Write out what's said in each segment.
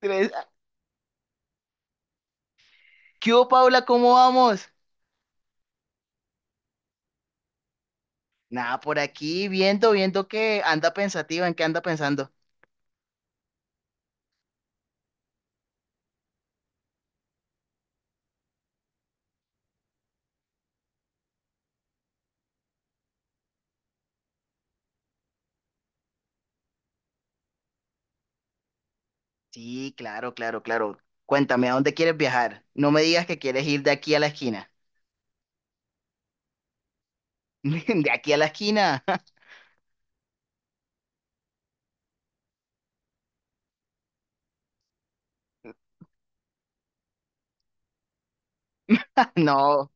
Tres. ¿Qué hubo, Paula? ¿Cómo vamos? Nada, por aquí viendo, viendo que anda pensativa, ¿en qué anda pensando? Sí, claro, claro, claro. Cuéntame, ¿a dónde quieres viajar? No me digas que quieres ir de aquí a la esquina. ¿De aquí a la esquina? No.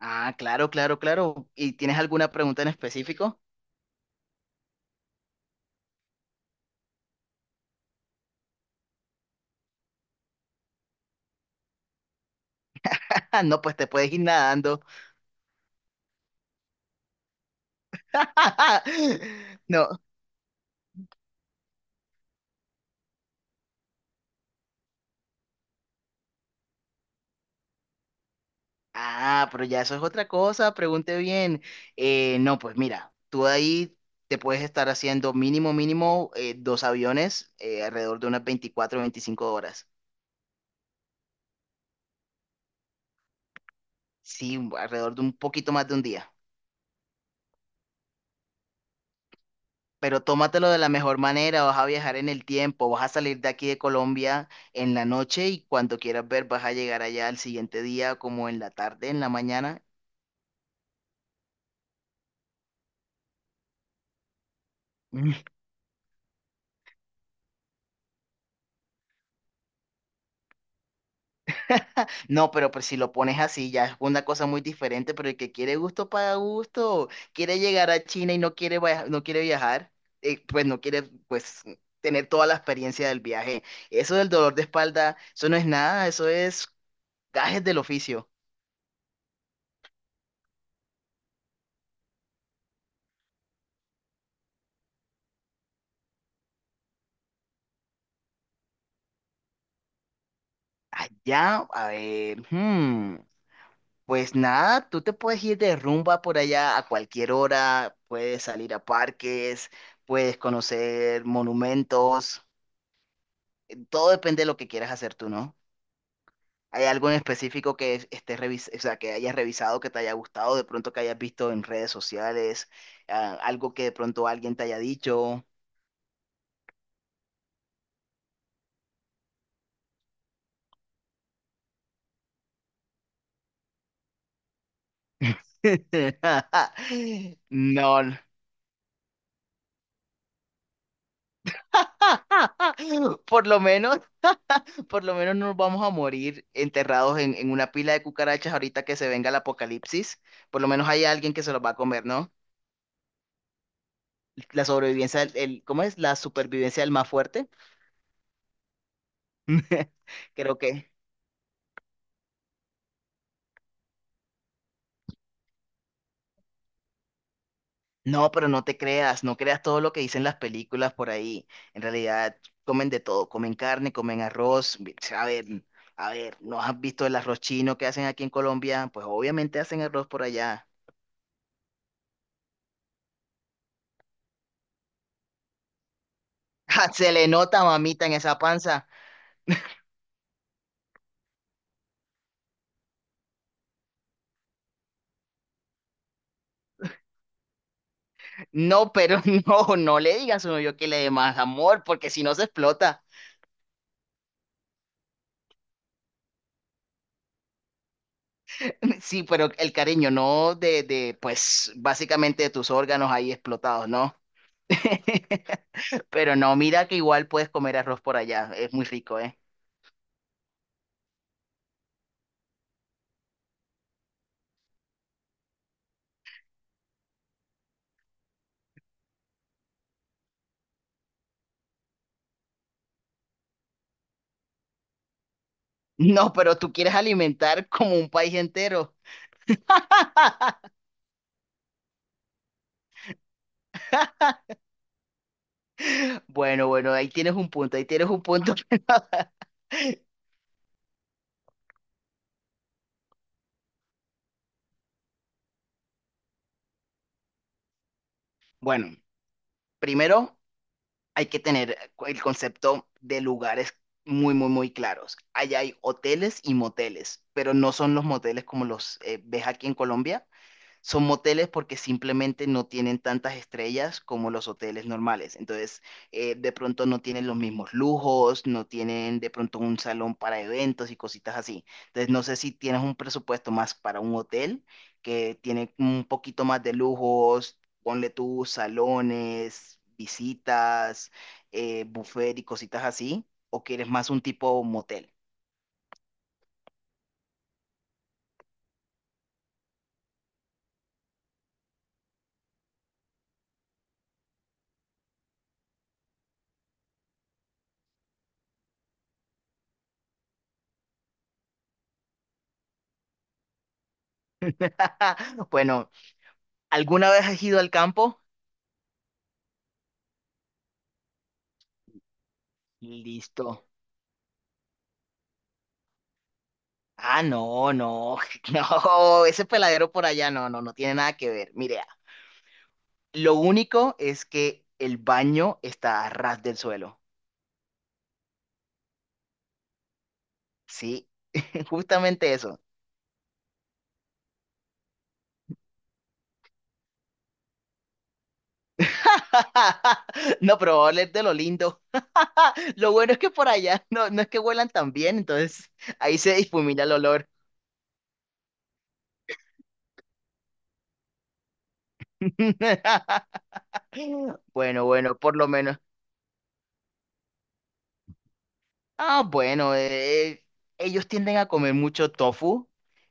Ah, claro, claro, claro. ¿Y tienes alguna pregunta en específico? No, pues te puedes ir nadando. No, ah, pero ya eso es otra cosa, pregunte bien. No, pues mira, tú ahí te puedes estar haciendo mínimo, mínimo dos aviones alrededor de unas 24 o 25 horas. Sí, alrededor de un poquito más de un día. Pero tómatelo de la mejor manera, vas a viajar en el tiempo, vas a salir de aquí de Colombia en la noche y cuando quieras ver vas a llegar allá al siguiente día como en la tarde, en la mañana. No, pero pues si lo pones así ya es una cosa muy diferente, pero el que quiere gusto paga gusto, quiere llegar a China y no quiere, no quiere viajar, pues no quiere pues tener toda la experiencia del viaje. Eso del dolor de espalda, eso no es nada, eso es gajes del oficio. Allá, a ver, pues nada, tú te puedes ir de rumba por allá a cualquier hora, puedes salir a parques, puedes conocer monumentos, todo depende de lo que quieras hacer tú, ¿no? ¿Hay algo en específico que estés o sea, que hayas revisado, que te haya gustado, de pronto que hayas visto en redes sociales, algo que de pronto alguien te haya dicho? No. Por lo menos, por lo menos no nos vamos a morir enterrados en una pila de cucarachas ahorita que se venga el apocalipsis. Por lo menos hay alguien que se los va a comer, ¿no? La sobrevivencia, ¿cómo es? La supervivencia del más fuerte. Creo que. No, pero no te creas, no creas todo lo que dicen las películas por ahí. En realidad comen de todo, comen carne, comen arroz. A ver, ¿no has visto el arroz chino que hacen aquí en Colombia? Pues obviamente hacen arroz por allá. ¡Ja! Se le nota, mamita, en esa panza. No, pero no, no le digas a uno yo que le dé más amor, porque si no se explota. Sí, pero el cariño, no de, pues, básicamente de tus órganos ahí explotados, ¿no? Pero no, mira que igual puedes comer arroz por allá, es muy rico, ¿eh? No, pero tú quieres alimentar como un país entero. Bueno, bueno, ahí tienes un punto, ahí tienes un punto. Bueno, primero hay que tener el concepto de lugares muy, muy, muy claros. Allá hay hoteles y moteles, pero no son los moteles como los ves aquí en Colombia. Son moteles porque simplemente no tienen tantas estrellas como los hoteles normales. Entonces, de pronto no tienen los mismos lujos, no tienen de pronto un salón para eventos y cositas así. Entonces, no sé si tienes un presupuesto más para un hotel que tiene un poquito más de lujos, ponle tú salones, visitas, buffet y cositas así, o quieres más un tipo motel. Bueno, ¿alguna vez has ido al campo? Listo. Ah, no, no, no, ese peladero por allá no, no, no tiene nada que ver. Mire, lo único es que el baño está a ras del suelo, ¿sí? Justamente eso. No, pero va a oler de lo lindo. Lo bueno es que por allá no, no es que huelan tan bien, entonces ahí se difumina el olor. Bueno, bueno, por lo menos. Ah, bueno, ellos tienden a comer mucho tofu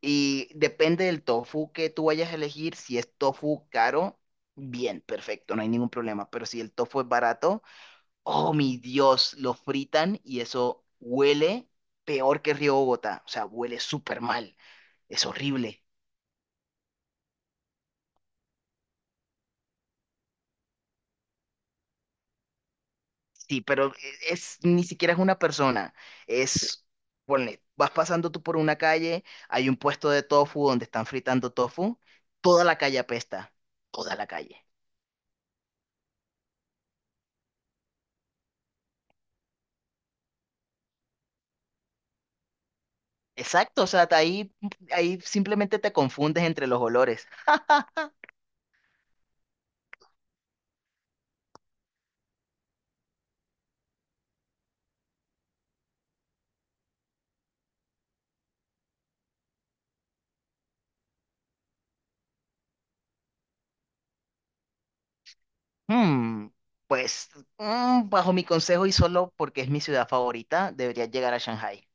y depende del tofu que tú vayas a elegir. Si es tofu caro, bien, perfecto, no hay ningún problema. Pero si el tofu es barato, oh mi Dios, lo fritan y eso huele peor que Río Bogotá. O sea, huele súper mal, es horrible. Sí, pero es ni siquiera es una persona, es, ponle, vas pasando tú por una calle, hay un puesto de tofu donde están fritando tofu, toda la calle apesta, toda la calle. Exacto, o sea, ahí, ahí simplemente te confundes entre los olores. Hmm, pues, bajo mi consejo y solo porque es mi ciudad favorita, deberías llegar a Shanghái.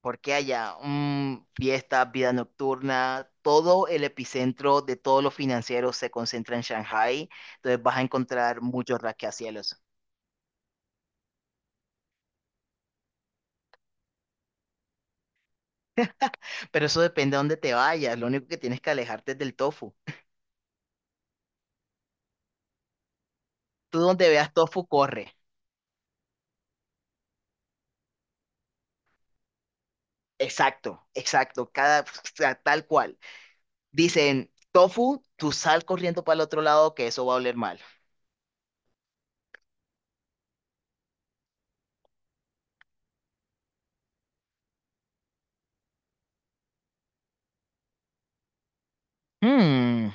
Porque allá fiestas, vida nocturna, todo el epicentro de todos los financieros se concentra en Shanghai, entonces vas a encontrar muchos rascacielos. Pero eso depende de dónde te vayas, lo único que tienes que alejarte es del tofu. Tú donde veas tofu, corre. Exacto, exacto, o sea, tal cual. Dicen, tofu, tú sal corriendo para el otro lado que eso va a oler mal. Hmm,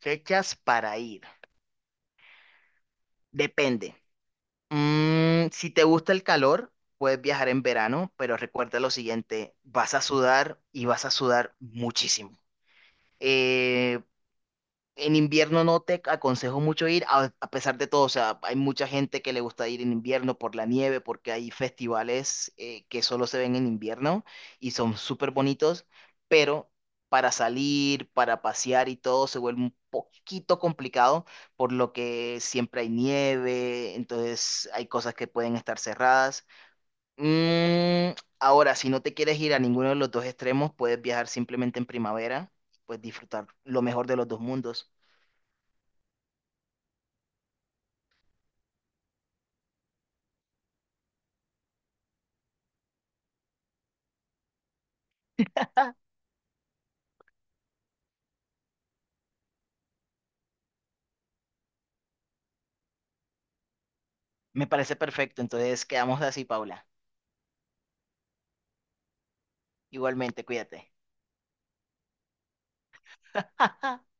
fechas para ir. Depende. Si te gusta el calor, puedes viajar en verano, pero recuerda lo siguiente, vas a sudar y vas a sudar muchísimo. En invierno no te aconsejo mucho ir, a pesar de todo, o sea, hay mucha gente que le gusta ir en invierno por la nieve, porque hay festivales que solo se ven en invierno y son súper bonitos, pero para salir, para pasear y todo se vuelve un poquito complicado, por lo que siempre hay nieve, entonces hay cosas que pueden estar cerradas. Mm, ahora, si no te quieres ir a ninguno de los dos extremos, puedes viajar simplemente en primavera, pues disfrutar lo mejor de los dos mundos. Me parece perfecto, entonces quedamos así, Paula. Igualmente, cuídate.